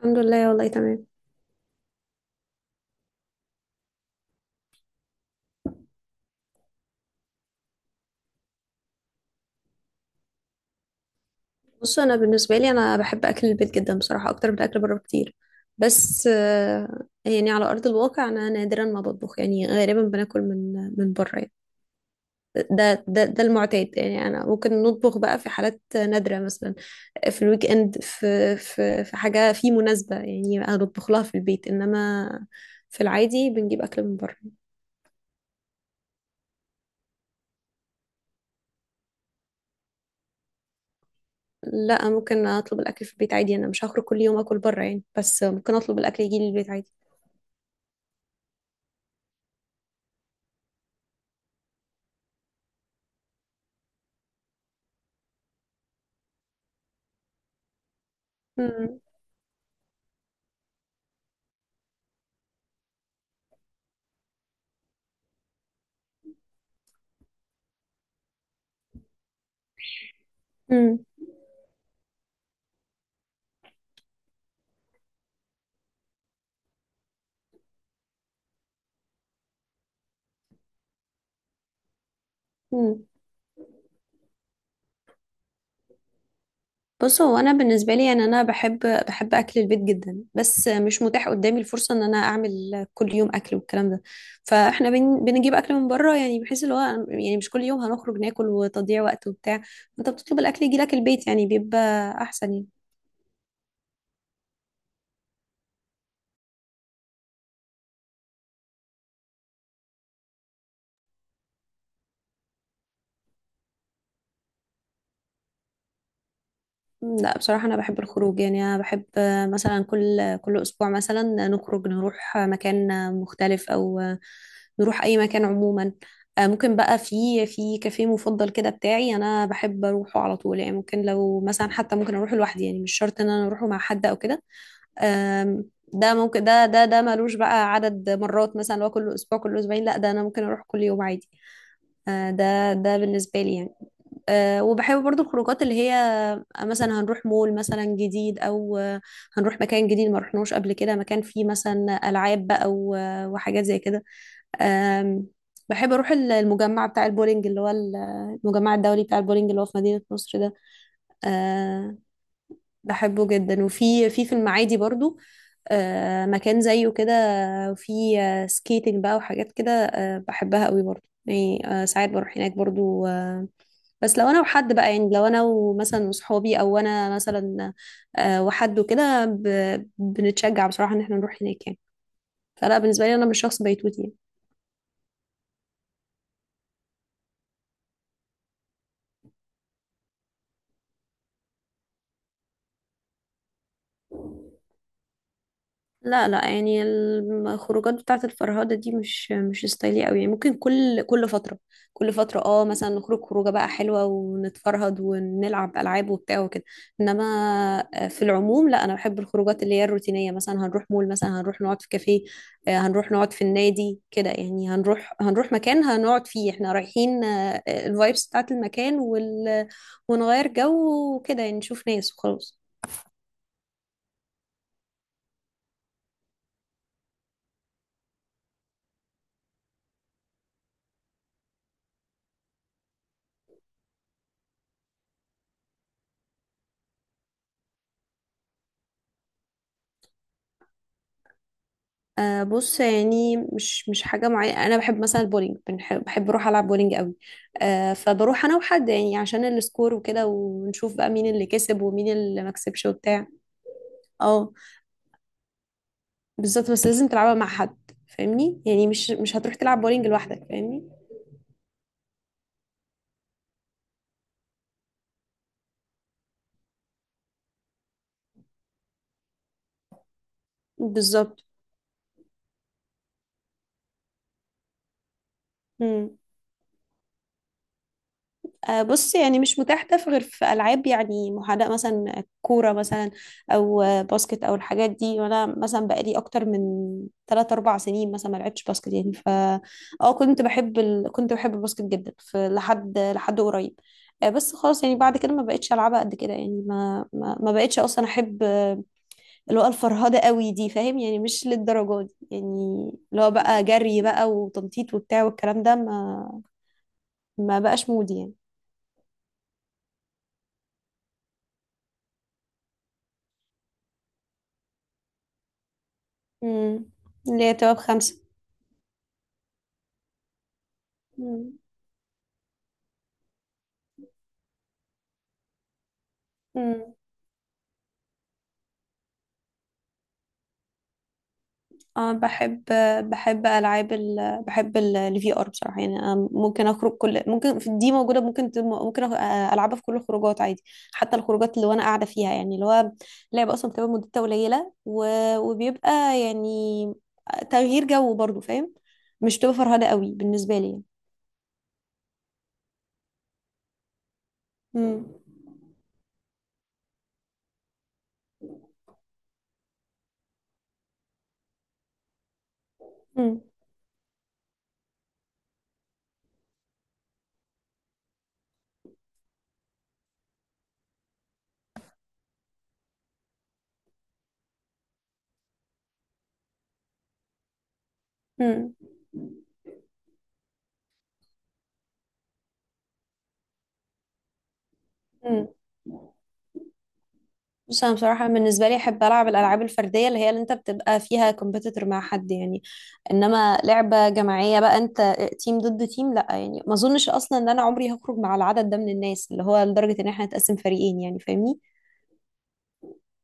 الحمد لله، والله تمام. بص، انا بالنسبه لي انا بحب اكل البيت جدا بصراحه، اكتر من اكل بره كتير. بس يعني على ارض الواقع انا نادرا ما بطبخ، يعني غالبا بناكل من بره يعني. ده المعتاد يعني. انا ممكن نطبخ بقى في حالات نادره، مثلا في الويك اند، في حاجه، في مناسبه، يعني انا بطبخ لها في البيت، انما في العادي بنجيب اكل من بره. لا، ممكن اطلب الاكل في البيت عادي. انا مش هخرج كل يوم اكل بره يعني، بس ممكن اطلب الاكل يجي لي البيت عادي. مم. مم. بص، هو انا بالنسبه لي يعني انا بحب اكل البيت جدا. بس مش متاح قدامي الفرصه ان انا اعمل كل يوم اكل والكلام ده، فاحنا بنجيب اكل من بره، يعني بحيث اللي هو يعني مش كل يوم هنخرج ناكل وتضييع وقت وبتاع. انت بتطلب الاكل يجي لك البيت، يعني بيبقى احسن يعني. لا، بصراحة أنا بحب الخروج. يعني أنا بحب مثلا كل أسبوع مثلا نخرج نروح مكان مختلف، أو نروح أي مكان عموما. ممكن بقى في كافيه مفضل كده بتاعي، أنا بحب أروحه على طول يعني. ممكن لو مثلا، حتى ممكن أروح لوحدي يعني، مش شرط إن أنا أروحه مع حد أو كده. آم، ده ممكن، ده ملوش بقى عدد مرات، مثلا اللي هو كل أسبوع، كل أسبوعين، لا، ده أنا ممكن أروح كل يوم عادي. ده بالنسبة لي يعني. وبحب برضو الخروجات اللي هي مثلا هنروح مول مثلا جديد، او هنروح مكان جديد ما رحناش قبل كده، مكان فيه مثلا العاب بقى وحاجات زي كده. آم، بحب اروح المجمع بتاع البولينج، اللي هو المجمع الدولي بتاع البولينج اللي هو في مدينة نصر ده. آه، بحبه جدا. وفي في المعادي برضو مكان زيه كده، في سكيتنج بقى وحاجات كده. بحبها قوي برضو يعني. ساعات بروح هناك برضو، بس لو انا وحد بقى، يعني لو انا ومثلا وصحابي، او انا مثلا وحد وكده، بنتشجع بصراحة ان احنا نروح هناك يعني. فلا، بالنسبة لي انا مش شخص بيتوتي يعني. لا لا، يعني الخروجات بتاعة الفرهدة دي مش ستايلي قوي يعني. ممكن كل فترة كل فترة اه، مثلا نخرج خروجة بقى حلوة ونتفرهد ونلعب ألعاب وبتاع وكده. انما في العموم لا، انا بحب الخروجات اللي هي الروتينية، مثلا هنروح مول، مثلا هنروح نقعد في كافيه، هنروح نقعد في النادي كده يعني، هنروح مكان هنقعد فيه احنا رايحين الفايبس بتاعة المكان وال، ونغير جو وكده، يعني نشوف ناس وخلاص. أه، بص، يعني مش حاجة معينة. أنا بحب مثلا البولينج، بنحب بحب أروح ألعب بولينج قوي. أه، فبروح أنا وحد يعني، عشان السكور وكده، ونشوف بقى مين اللي كسب ومين اللي ما كسبش وبتاع. اه بالظبط، بس لازم تلعبها مع حد فاهمني. يعني مش هتروح تلعب بولينج لوحدك فاهمني. بالظبط. مم. بص، يعني مش متاح ده في غير في ألعاب يعني محاذاة، مثلا كورة مثلا، أو باسكت أو الحاجات دي. وأنا مثلا بقالي أكتر من تلات أربع سنين مثلا ما لعبتش باسكت يعني. ف اه، كنت بحب كنت بحب الباسكت جدا، في لحد قريب. بس خلاص يعني، بعد كده ما بقتش ألعبها قد كده يعني. ما بقتش أصلا أحب اللي هو الفرهدة قوي دي فاهم. يعني مش للدرجة دي يعني، اللي هو بقى جري بقى وتنطيط وبتاع والكلام ده، ما بقاش مودي يعني. امم. اللي هي تواب خمسة. امم. امم. اه، بحب، العاب بحب الفي ار بصراحه. يعني أنا ممكن اخرج كل، ممكن في دي موجوده، ممكن ممكن العبها في كل الخروجات عادي، حتى الخروجات اللي وانا قاعده فيها يعني. اللي هو لعبه اصلا بتبقى مدتها قليله و... وبيبقى يعني تغيير جو برضو فاهم، مش تبقى فرهده قوي بالنسبه لي يعني. امم. امم. امم. بص، انا بصراحه بالنسبه لي احب العب الالعاب الفرديه، اللي هي اللي انت بتبقى فيها كومبيتيتور مع حد يعني. انما لعبه جماعيه بقى، انت تيم ضد تيم، لا يعني ما اظنش اصلا ان انا عمري هخرج مع العدد ده من الناس، اللي هو لدرجه ان احنا نتقسم فريقين يعني فاهمني.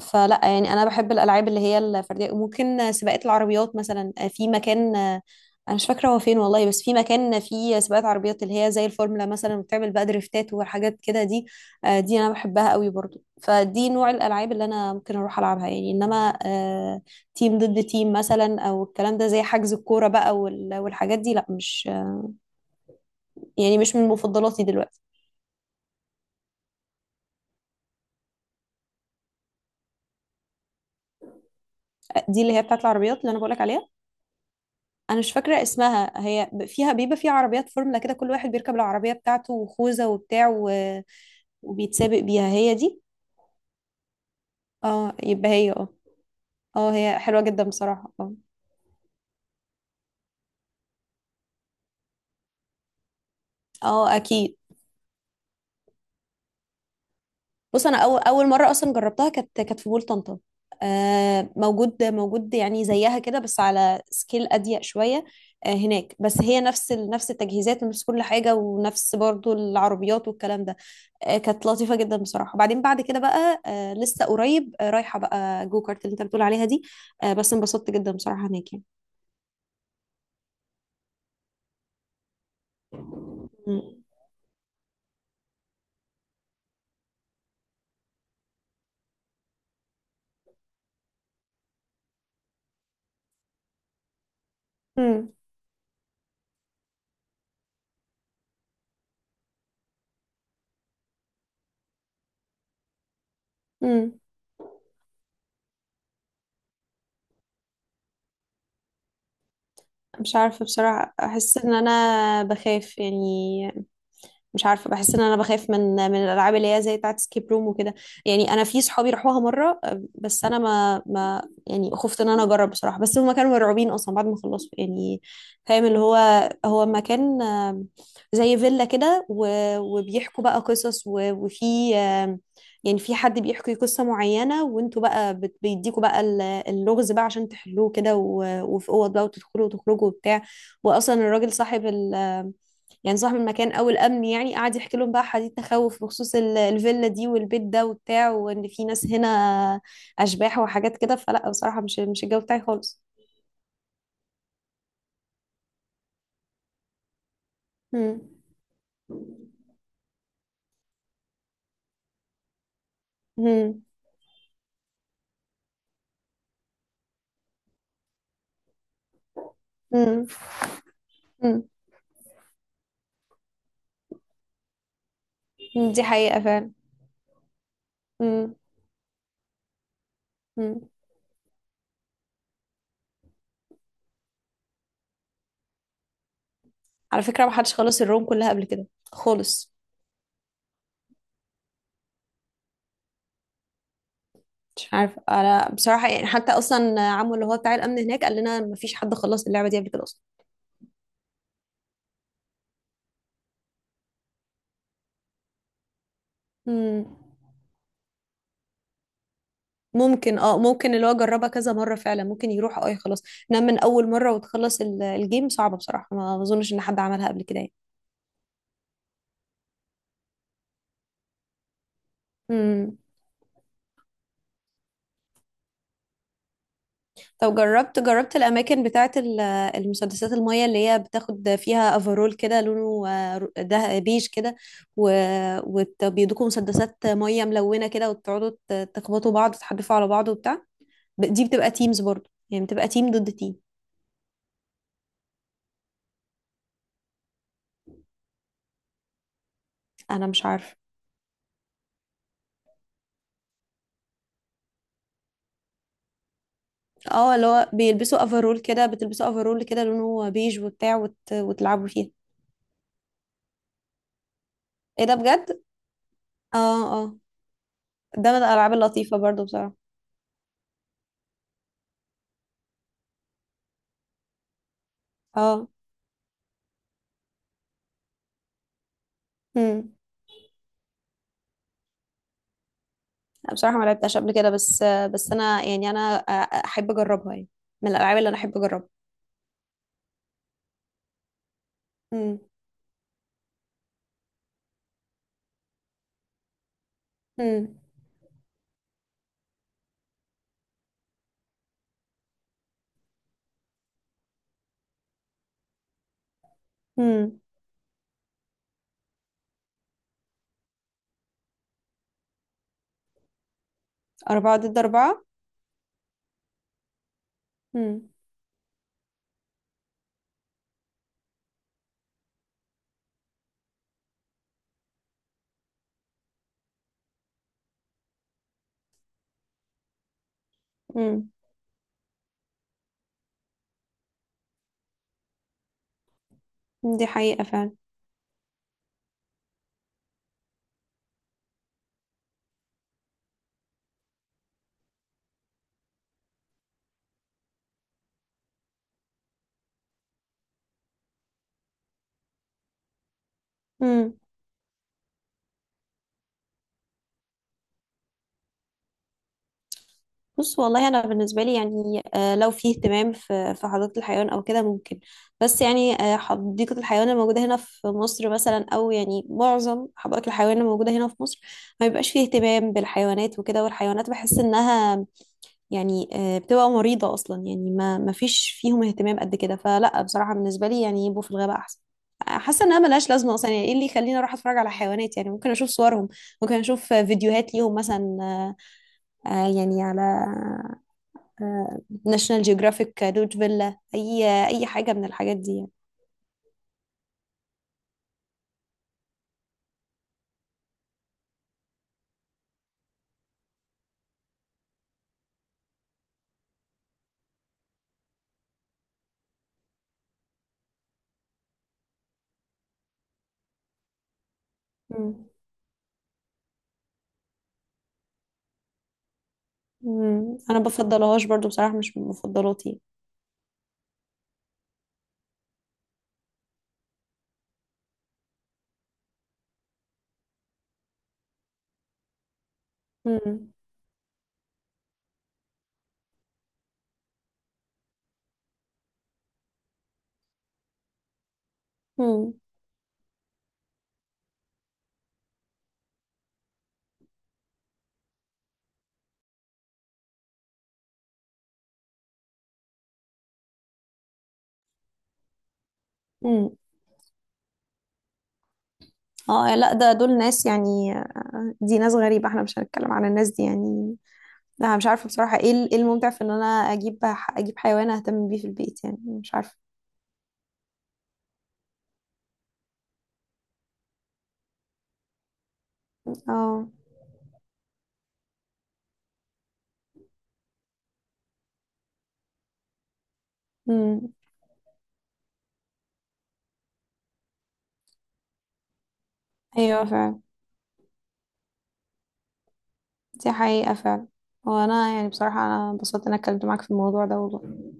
فلا يعني، انا بحب الالعاب اللي هي الفرديه. ممكن سباقات العربيات مثلا، في مكان انا مش فاكره هو فين والله، بس في مكان فيه سباقات عربيات اللي هي زي الفورمولا، مثلا بتعمل بقى دريفتات وحاجات كده دي. دي انا بحبها قوي برضو، فدي نوع الالعاب اللي انا ممكن اروح العبها يعني. انما تيم ضد تيم مثلا، او الكلام ده زي حجز الكوره بقى والحاجات دي، لا مش يعني مش من مفضلاتي دلوقتي. دي اللي هي بتاعت العربيات اللي انا بقولك عليها. انا مش فاكره اسمها. هي فيها، بيبقى فيها عربيات فورمولا كده، كل واحد بيركب العربيه بتاعته وخوذه وبتاع وبيتسابق بيها. هي دي. اه يبقى هي، اه. اه هي حلوه جدا بصراحه، اه. اه اكيد. بص، انا اول مره اصلا جربتها، كانت في بول طنطا. آه، موجود موجود يعني زيها كده، بس على سكيل اضيق شويه. آه، هناك، بس هي نفس التجهيزات ونفس كل حاجه، ونفس برضو العربيات والكلام ده. آه، كانت لطيفه جدا بصراحه. وبعدين بعد كده بقى آه، لسه قريب، آه، رايحه بقى جو كارت اللي انت بتقول عليها دي. آه، بس انبسطت جدا بصراحه هناك يعني. مم. مم. مم. مش عارفه بصراحه، احس ان انا بخاف يعني. مش عارفه، بحس ان انا بخاف من الالعاب اللي هي زي بتاعه سكيب روم وكده. يعني انا في صحابي راحوها مره، بس انا ما يعني خفت ان انا اجرب بصراحه. بس هما كانوا مرعوبين اصلا بعد ما خلصوا يعني. فاهم اللي هو هو مكان زي فيلا كده، وبيحكوا بقى قصص وفي يعني في حد بيحكي قصة معينة، وانتوا بقى بيديكوا بقى اللغز بقى عشان تحلوه كده، وفي اوض بقى وتدخلوا وتخرجوا وبتاع. واصلا الراجل صاحب ال، يعني صاحب المكان او الامن يعني، قعد يحكي لهم بقى حديث تخوف بخصوص الفيلا دي والبيت ده وبتاع، وان في ناس هنا اشباح وحاجات كده. فلا بصراحه، مش الجو بتاعي خالص. مم. مم. مم. مم. مم. دي حقيقه فعلا. مم. مم. على فكره، ما حدش خلص الروم كلها قبل كده خالص. مش عارفه انا بصراحه يعني. حتى اصلا عمو اللي هو بتاع الامن هناك قال لنا ما فيش حد خلص اللعبه دي قبل كده اصلا. مم. ممكن اه، ممكن اللي هو جربها كذا مرة فعلا ممكن يروح، اه خلاص. انما من اول مرة وتخلص الجيم صعبة بصراحة، ما اظنش ان حد عملها قبل كده يعني. امم. طب، جربت الاماكن بتاعة المسدسات المية اللي هي بتاخد فيها افرول كده لونه ده بيج كده، وبيدوكوا مسدسات مية ملونة كده، وتقعدوا تخبطوا بعض، تحدفوا على بعض وبتاع. دي بتبقى تيمز برضو، يعني بتبقى تيم ضد تيم. انا مش عارفة. اه، اللي هو بيلبسوا افرول كده، بتلبسوا افرول كده لونه بيج وبتاع، وتلعبوا فيها. ايه ده بجد. اه اه، ده من الالعاب اللطيفه برضو بصراحه. اه. امم. بصراحه ما لعبتهاش قبل كده، بس بس انا يعني انا احب اجربها يعني. من الالعاب اللي انا احب اجربها. امم. امم. امم. 4 ضد 4. امم. امم. دي حقيقه فعلا. بص والله، انا بالنسبه لي يعني لو في اهتمام في حديقه الحيوان او كده، ممكن. بس يعني حديقه الحيوان الموجوده هنا في مصر مثلا، او يعني معظم حدائق الحيوان الموجوده هنا في مصر، ما بيبقاش فيه اهتمام بالحيوانات وكده، والحيوانات بحس انها يعني بتبقى مريضه اصلا يعني، ما فيش فيهم اهتمام قد كده. فلا بصراحه بالنسبه لي يعني، يبقوا في الغابه احسن. حاسه انها ملهاش لازمه اصلا يعني. ايه اللي يخليني اروح اتفرج على حيوانات يعني؟ ممكن اشوف صورهم، ممكن اشوف فيديوهات ليهم مثلا يعني على ناشونال جيوغرافيك روت فيلا، اي اي حاجه من الحاجات دي يعني. مم. مم. انا بفضلهاش برضو بصراحه، مش من مفضلاتي. مم. مم. مم. اه لا، ده دول ناس يعني دي ناس غريبة، احنا مش هنتكلم عن الناس دي يعني. لا، انا مش عارفة بصراحة ايه إيه الممتع في ان انا اجيب حيوان اهتم بيه في البيت يعني؟ مش عارفة. اه. مم. ايوه فعلا. دي حقيقة فعلا. وانا يعني بصراحة انا انبسطت ان انا اتكلمت معاك في الموضوع ده والله.